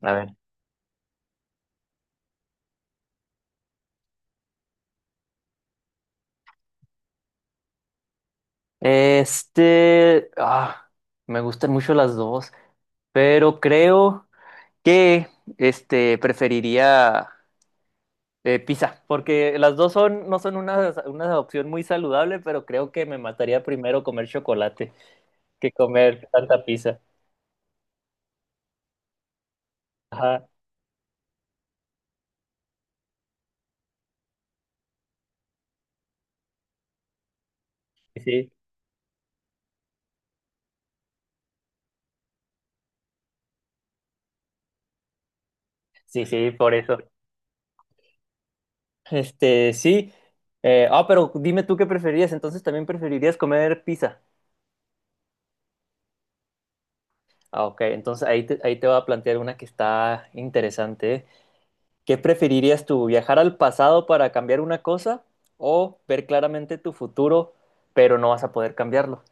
A ver. Este, ah, Me gustan mucho las dos, pero creo que preferiría pizza, porque las dos son, no son una opción muy saludable, pero creo que me mataría primero comer chocolate que comer tanta pizza. Ajá, sí, sí, por eso. Este, sí. Pero dime tú qué preferirías, entonces también preferirías comer pizza. Ah, ok, entonces ahí te voy a plantear una que está interesante. ¿Eh? ¿Qué preferirías tú, viajar al pasado para cambiar una cosa o ver claramente tu futuro, pero no vas a poder cambiarlo?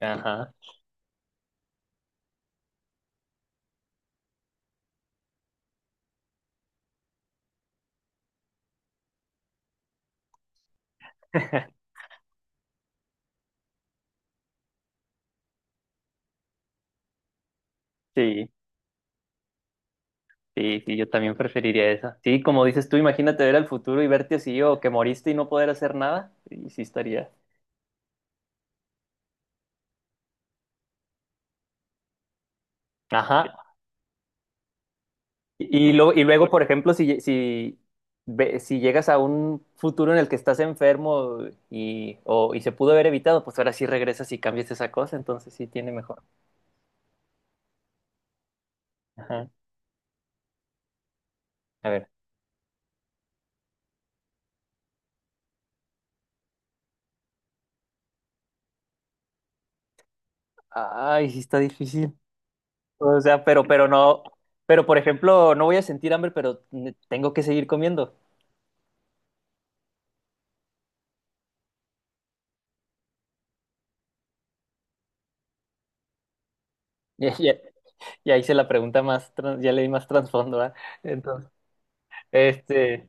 Ajá. Sí, sí, sí, yo también preferiría esa. Sí, como dices tú, imagínate ver al futuro y verte así o que moriste y no poder hacer nada, y sí estaría. Ajá. Y luego, por ejemplo, ve- si llegas a un futuro en el que estás enfermo y, o, y se pudo haber evitado, pues ahora sí regresas y cambias esa cosa, entonces sí tiene mejor. Ajá. A ver. Ay, sí está difícil. O sea, pero, pero no, pero por ejemplo, no voy a sentir hambre, pero ne- tengo que seguir comiendo. Ya, ya, ya hice la pregunta más, tran- ya le di más trasfondo, ¿verdad? Entonces, este,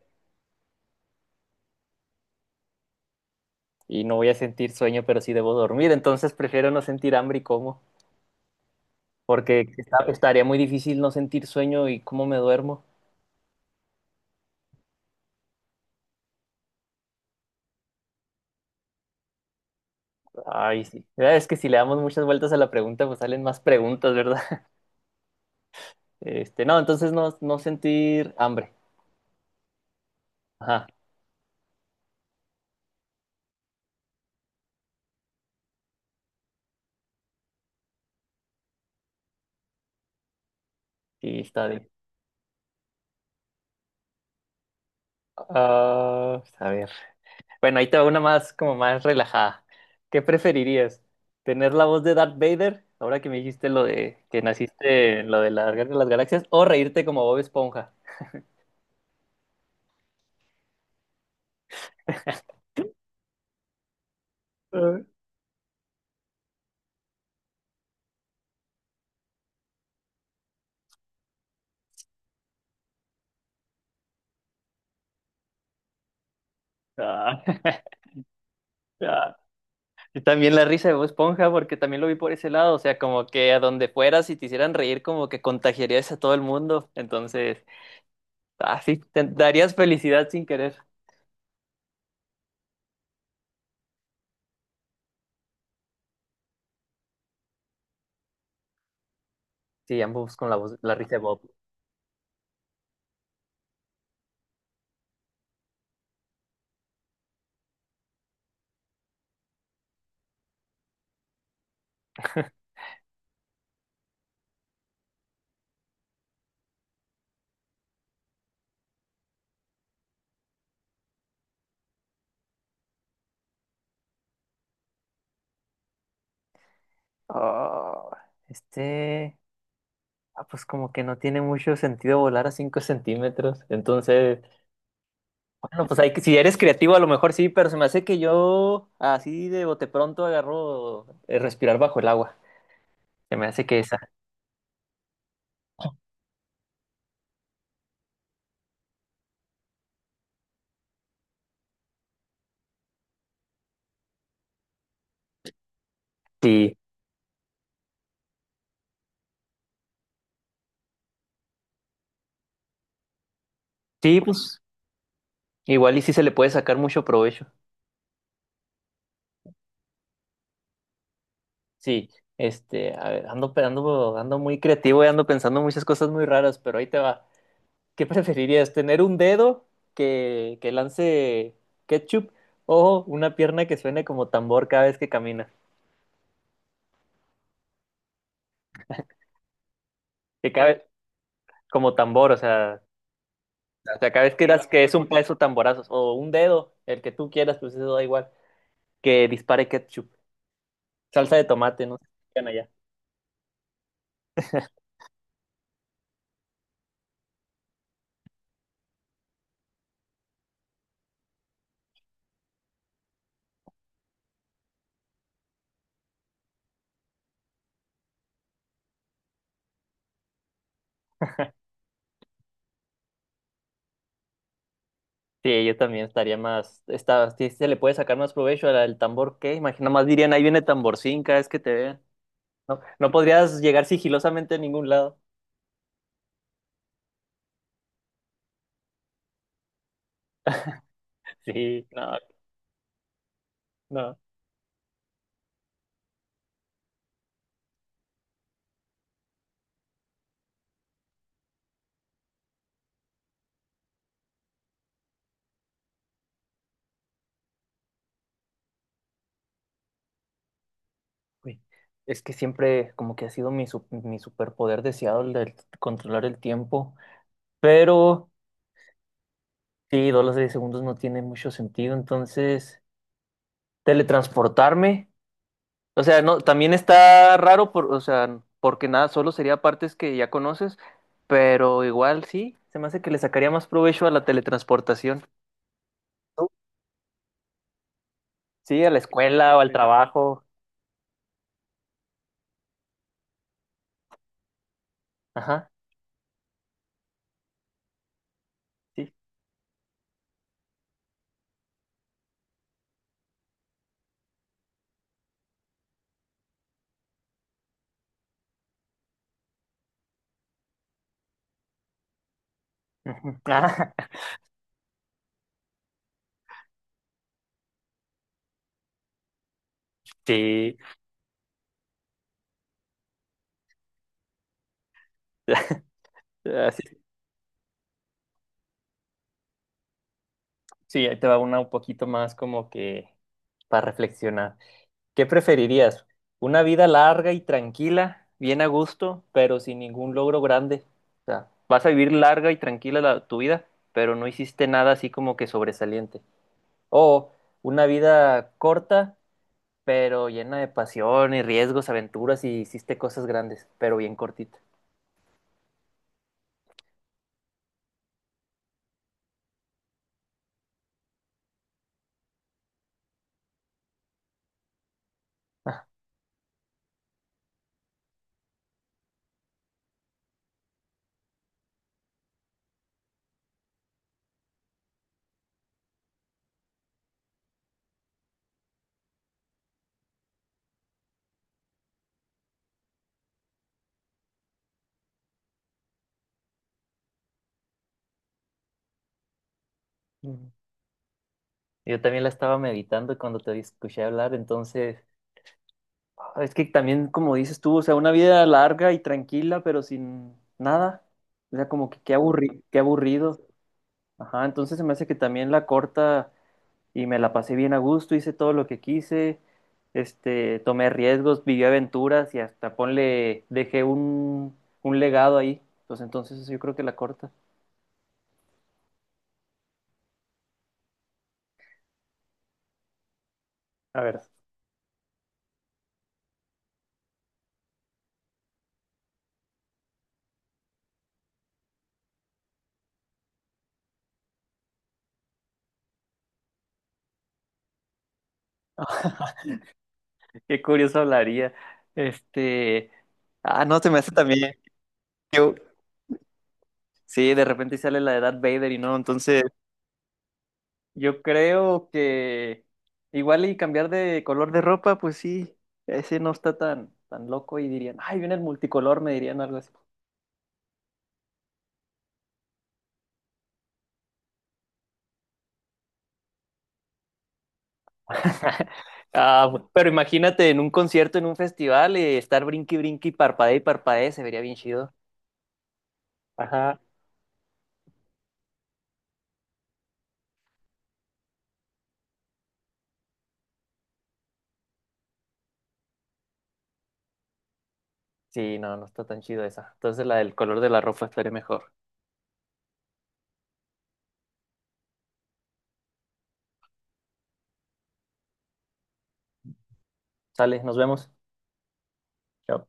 y no voy a sentir sueño, pero sí debo dormir. Entonces prefiero no sentir hambre y como, porque está- estaría muy difícil no sentir sueño y cómo me duermo. Ay, sí. Ya es que si le damos muchas vueltas a la pregunta, pues salen más preguntas, ¿verdad? No, entonces no, no sentir hambre. Ajá, sí, está bien. A ver. Bueno, ahí te va una más, como más relajada. ¿Qué preferirías? ¿Tener la voz de Darth Vader, ahora que me dijiste lo de que naciste en lo de la Guerra de las Galaxias, o reírte como Bob Esponja? Ah, ah, ah. Y también la risa de Bob Esponja, porque también lo vi por ese lado, o sea, como que a donde fueras y te hicieran reír, como que contagiarías a todo el mundo. Entonces, así te darías felicidad sin querer. Sí, ambos con la voz, la risa de Bob. Ah, este. Ah, pues como que no tiene mucho sentido volar a 5 centímetros. Entonces, bueno, pues hay que, si eres creativo a lo mejor sí, pero se me hace que yo así de bote pronto agarro respirar bajo el agua. Se me hace que esa. Sí, sí, pues igual y sí se le puede sacar mucho provecho. Sí, a ver, ando, ando muy creativo y ando pensando muchas cosas muy raras, pero ahí te va. ¿Qué preferirías? ¿Tener un dedo que lance ketchup o una pierna que suene como tambor cada vez que camina? Que cada, como tambor, cada vez que sí, digas que es un peso, tamborazos, o un dedo, el que tú quieras, pues eso da igual, que dispare ketchup, salsa de tomate, no sé si digan allá. Sí, yo también estaría más, está, sí se le puede sacar más provecho al, al tambor, ¿qué? Imagina, más dirían, ahí viene tamborcín cada vez que te vean. No, no podrías llegar sigilosamente a ningún lado. Sí, no. Uy, es que siempre como que ha sido su- mi superpoder deseado el de controlar el tiempo, pero... Sí, dos las 10 segundos no tiene mucho sentido, entonces teletransportarme, o sea, no, también está raro por, o sea, porque nada, solo sería partes que ya conoces, pero igual sí, se me hace que le sacaría más provecho a la teletransportación. ¿Tú? Sí, a la escuela o al trabajo. Ajá, sí. Ujú. Ah, sí. Así- sí, ahí te va una un poquito más como que para reflexionar. ¿Qué preferirías? ¿Una vida larga y tranquila, bien a gusto, pero sin ningún logro grande? O sea, vas a vivir larga y tranquila tu vida, pero no hiciste nada así como que sobresaliente. O una vida corta, pero llena de pasión y riesgos, aventuras y hiciste cosas grandes, pero bien cortita. Ujú. Yo también la estaba meditando cuando te escuché hablar, entonces es que también, como dices tú, o sea, una vida larga y tranquila, pero sin nada. O sea, como que qué qué aburrido. Ajá, entonces se me hace que también la corta y me la pasé bien a gusto, hice todo lo que quise, tomé riesgos, viví aventuras y hasta ponle, un legado ahí. Pues entonces yo creo que la corta. A ver, qué curioso hablaría. Este, no, se me hace también. Yo, sí, de repente sale la de Darth Vader y no, entonces. Yo creo que igual y cambiar de color de ropa, pues sí, ese no está tan, tan loco y dirían, ay, viene el multicolor, me dirían algo así. Ah, bu- pero imagínate en un concierto, en un festival, estar brinqui, parpadee, se vería bien chido. Ajá. Sí, no, no está tan chido esa. Entonces la del color de la ropa estaría mejor. Sale, nos vemos. Chao.